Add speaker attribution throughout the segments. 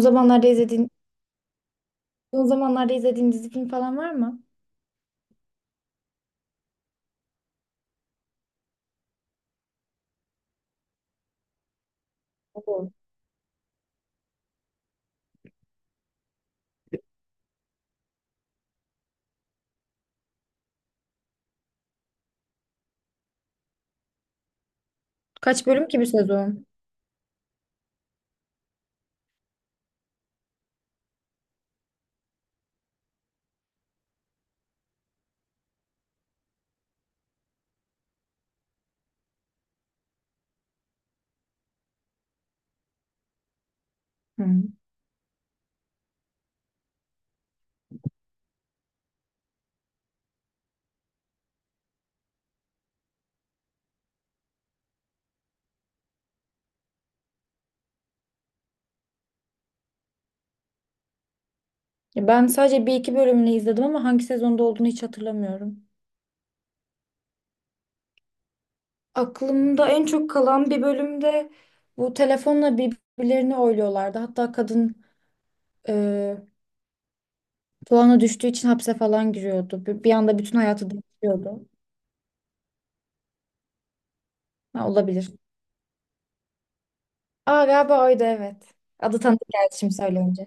Speaker 1: O zamanlarda izlediğin, Son zamanlarda izlediğin dizi film falan var mı? Oo. Kaç bölüm ki bir sezon? Hı. Ya ben sadece bir iki bölümünü izledim ama hangi sezonda olduğunu hiç hatırlamıyorum. Aklımda en çok kalan bir bölümde, bu telefonla birbirlerini oyluyorlardı. Hatta kadın e, puanı düştüğü için hapse falan giriyordu. Bir anda bütün hayatı değişiyordu. Ha, olabilir. Aa, galiba oydu, evet. Adı tanıdık geldi şimdi söyleyince.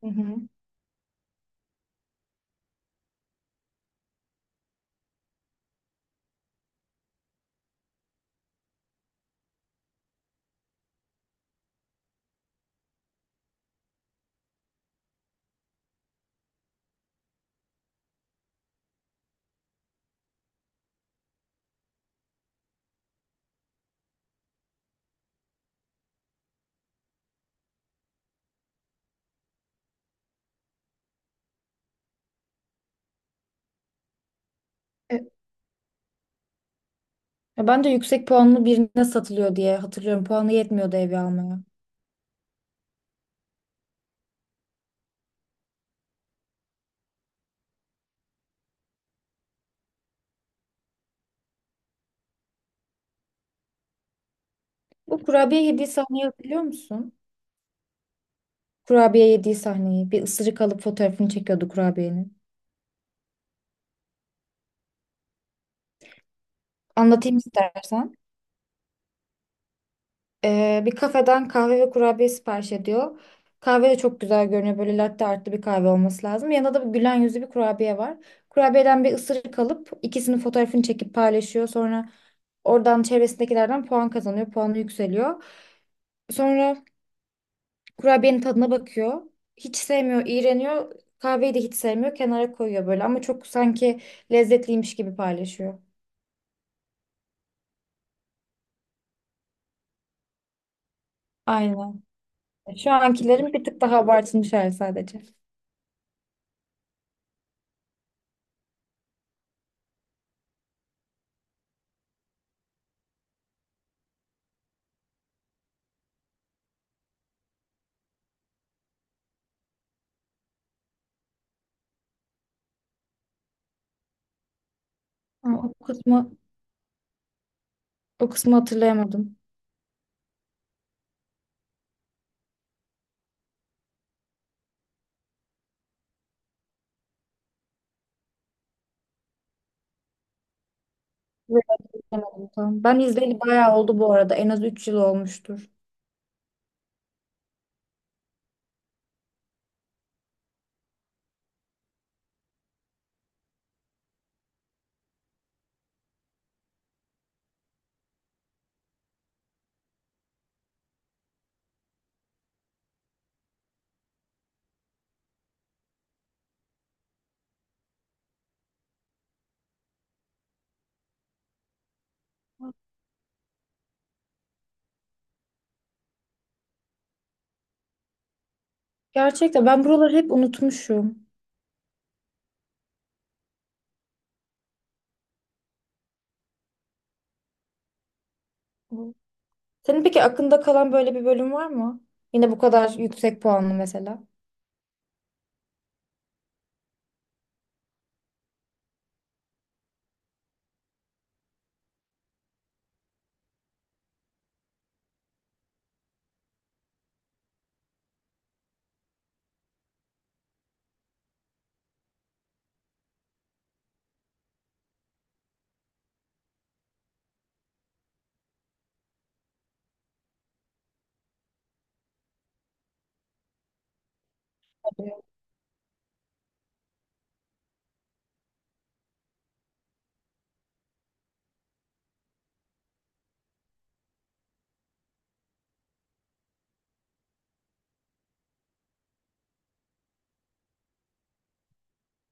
Speaker 1: Hı hı. Ya ben de yüksek puanlı birine satılıyor diye hatırlıyorum. Puanı yetmiyordu evi almaya. Bu kurabiye yediği sahneyi hatırlıyor musun? Kurabiye yediği sahneyi. Bir ısırık alıp fotoğrafını çekiyordu kurabiyenin. Anlatayım istersen. Bir kafeden kahve ve kurabiye sipariş ediyor. Kahve de çok güzel görünüyor. Böyle latte artlı bir kahve olması lazım. Yanında da bir gülen yüzlü bir kurabiye var. Kurabiyeden bir ısırık alıp ikisinin fotoğrafını çekip paylaşıyor. Sonra oradan çevresindekilerden puan kazanıyor. Puanı yükseliyor. Sonra kurabiyenin tadına bakıyor. Hiç sevmiyor, iğreniyor. Kahveyi de hiç sevmiyor. Kenara koyuyor böyle ama çok sanki lezzetliymiş gibi paylaşıyor. Aynen. Şu ankilerin bir tık daha abartılmış hali sadece. Ama o kısmı O kısmı hatırlayamadım. Evet, hatırlayamadım, tamam. Ben izleyeli bayağı oldu bu arada. En az 3 yıl olmuştur. Gerçekten ben buraları hep unutmuşum. Senin peki aklında kalan böyle bir bölüm var mı? Yine bu kadar yüksek puanlı mesela.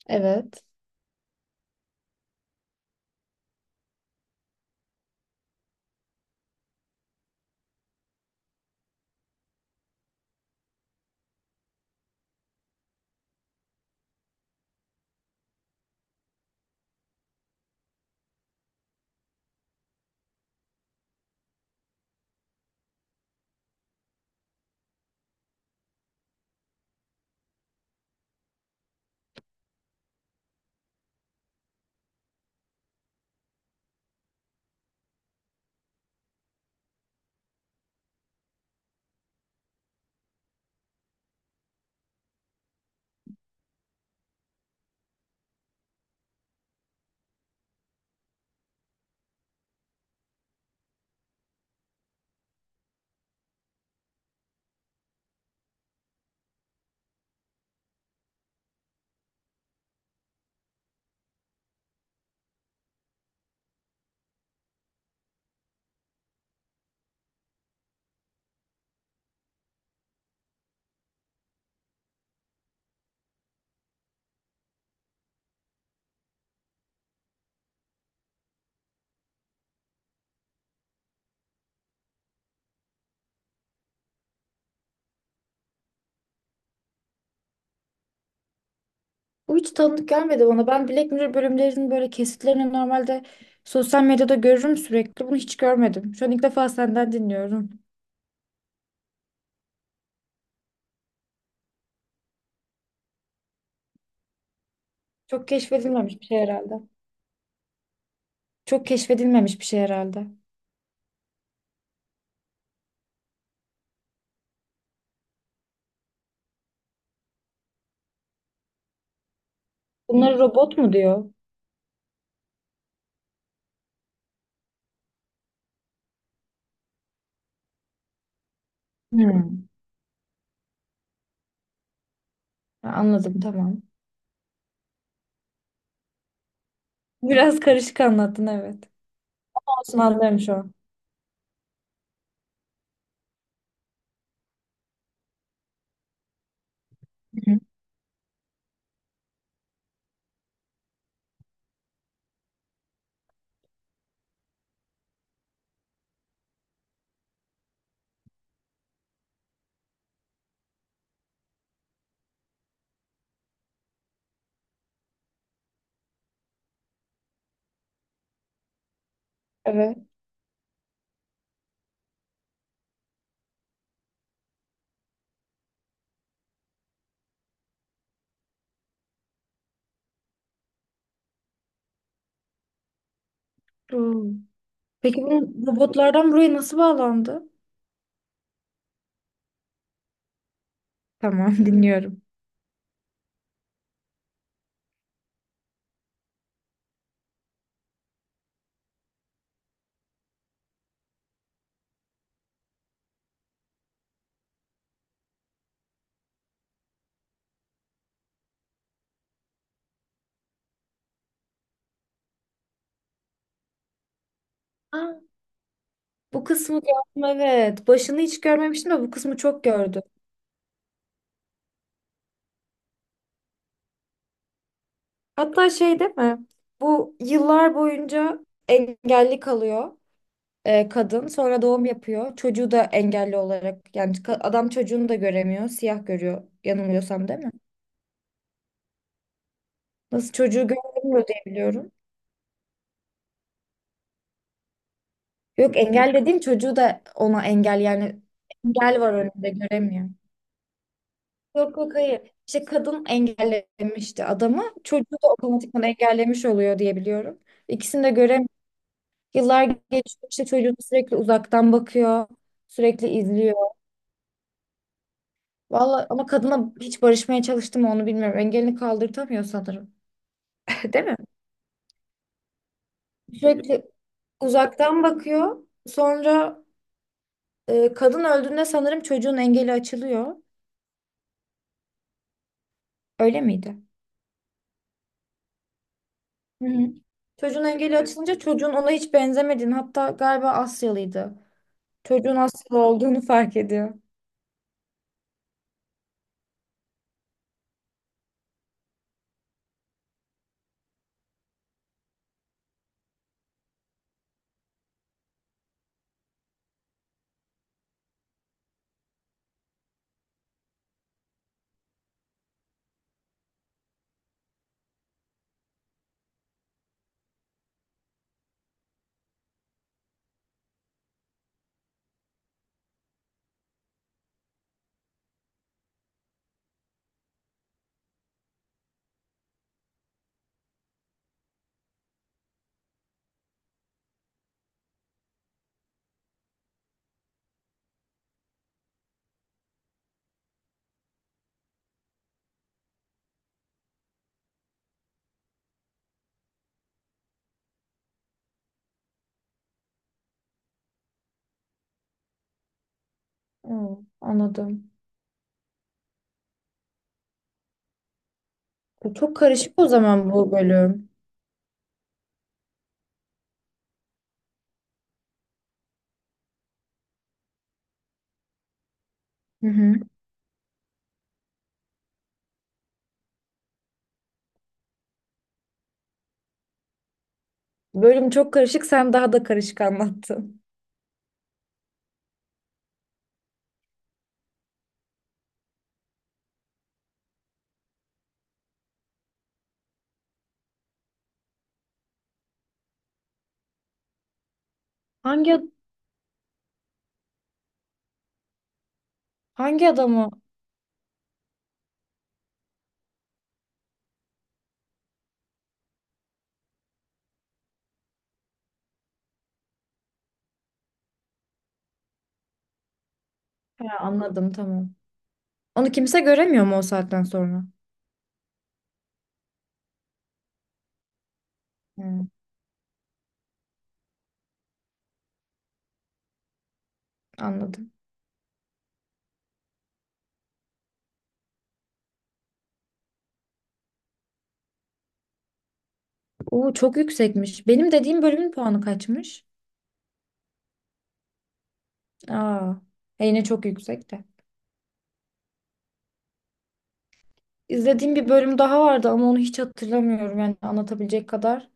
Speaker 1: Evet. Bu hiç tanıdık gelmedi bana. Ben Black Mirror bölümlerinin böyle kesitlerini normalde sosyal medyada görürüm sürekli. Bunu hiç görmedim. Şu an ilk defa senden dinliyorum. Çok keşfedilmemiş bir şey herhalde. Çok keşfedilmemiş bir şey herhalde. Bunları robot mu diyor? Hmm. Ha, anladım, tamam. Biraz karışık anlattın, evet. Olsun, anlarım şu an. Hı hı. Evet. Hmm. Peki bu robotlardan buraya nasıl bağlandı? Tamam, dinliyorum. Aa, bu kısmı gördüm, evet. Başını hiç görmemiştim de bu kısmı çok gördüm. Hatta şey değil mi? Bu yıllar boyunca engelli kalıyor kadın. Sonra doğum yapıyor. Çocuğu da engelli olarak. Yani adam çocuğunu da göremiyor. Siyah görüyor yanılmıyorsam, değil mi? Nasıl, çocuğu göremiyor diye biliyorum. Yok, engel dediğim çocuğu da ona engel, yani engel var önünde, göremiyor. Yok yok, hayır. İşte kadın engellemişti adamı. Çocuğu da otomatikman engellemiş oluyor diye biliyorum. İkisini de göremiyor. Yıllar geçiyor işte, çocuğunu sürekli uzaktan bakıyor. Sürekli izliyor. Vallahi ama kadına hiç barışmaya çalıştım mı onu bilmiyorum. Engelini kaldırtamıyor sanırım. Değil mi? Sürekli uzaktan bakıyor. Sonra kadın öldüğünde sanırım çocuğun engeli açılıyor. Öyle miydi? Hı hı. Çocuğun engeli açılınca çocuğun ona hiç benzemediğini, hatta galiba Asyalıydı. Çocuğun Asyalı olduğunu fark ediyor. Hı, anladım. Bu çok karışık o zaman bu bölüm. Hı hı. Bölüm çok karışık, sen daha da karışık anlattın. Hangi hangi adamı? Ha, anladım, tamam. Onu kimse göremiyor mu o saatten sonra? Hı, anladım. Oo, çok yüksekmiş. Benim dediğim bölümün puanı kaçmış? Aa, yine çok yüksek de. İzlediğim bir bölüm daha vardı ama onu hiç hatırlamıyorum yani anlatabilecek kadar.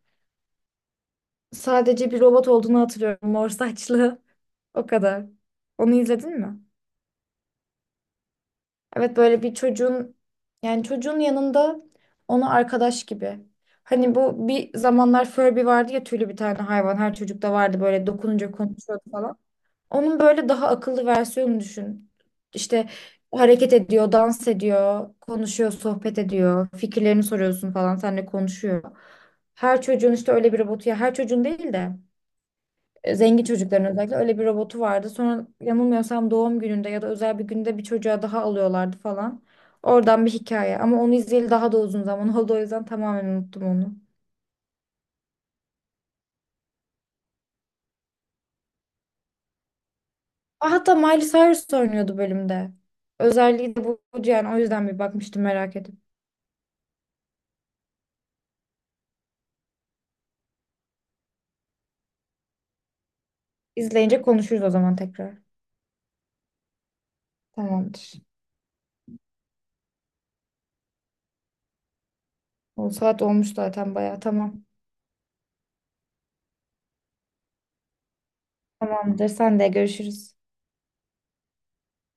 Speaker 1: Sadece bir robot olduğunu hatırlıyorum. Mor saçlı. O kadar. Onu izledin mi? Evet, böyle bir çocuğun, yani çocuğun yanında, onu arkadaş gibi. Hani bu bir zamanlar Furby vardı ya, tüylü bir tane hayvan, her çocukta vardı, böyle dokununca konuşuyordu falan. Onun böyle daha akıllı versiyonunu düşün. İşte hareket ediyor, dans ediyor, konuşuyor, sohbet ediyor, fikirlerini soruyorsun falan, seninle konuşuyor. Her çocuğun işte öyle bir robotu, ya her çocuğun değil de zengin çocukların özellikle öyle bir robotu vardı. Sonra yanılmıyorsam doğum gününde ya da özel bir günde bir çocuğa daha alıyorlardı falan. Oradan bir hikaye ama onu izleyeli daha da uzun zaman oldu, o yüzden tamamen unuttum onu. Aa, hatta Miley Cyrus oynuyordu bölümde. Özelliği de bu yani, o yüzden bir bakmıştım merak edip. İzleyince konuşuruz o zaman tekrar. Tamamdır. O saat olmuş zaten bayağı. Tamam. Tamamdır. Sen de görüşürüz.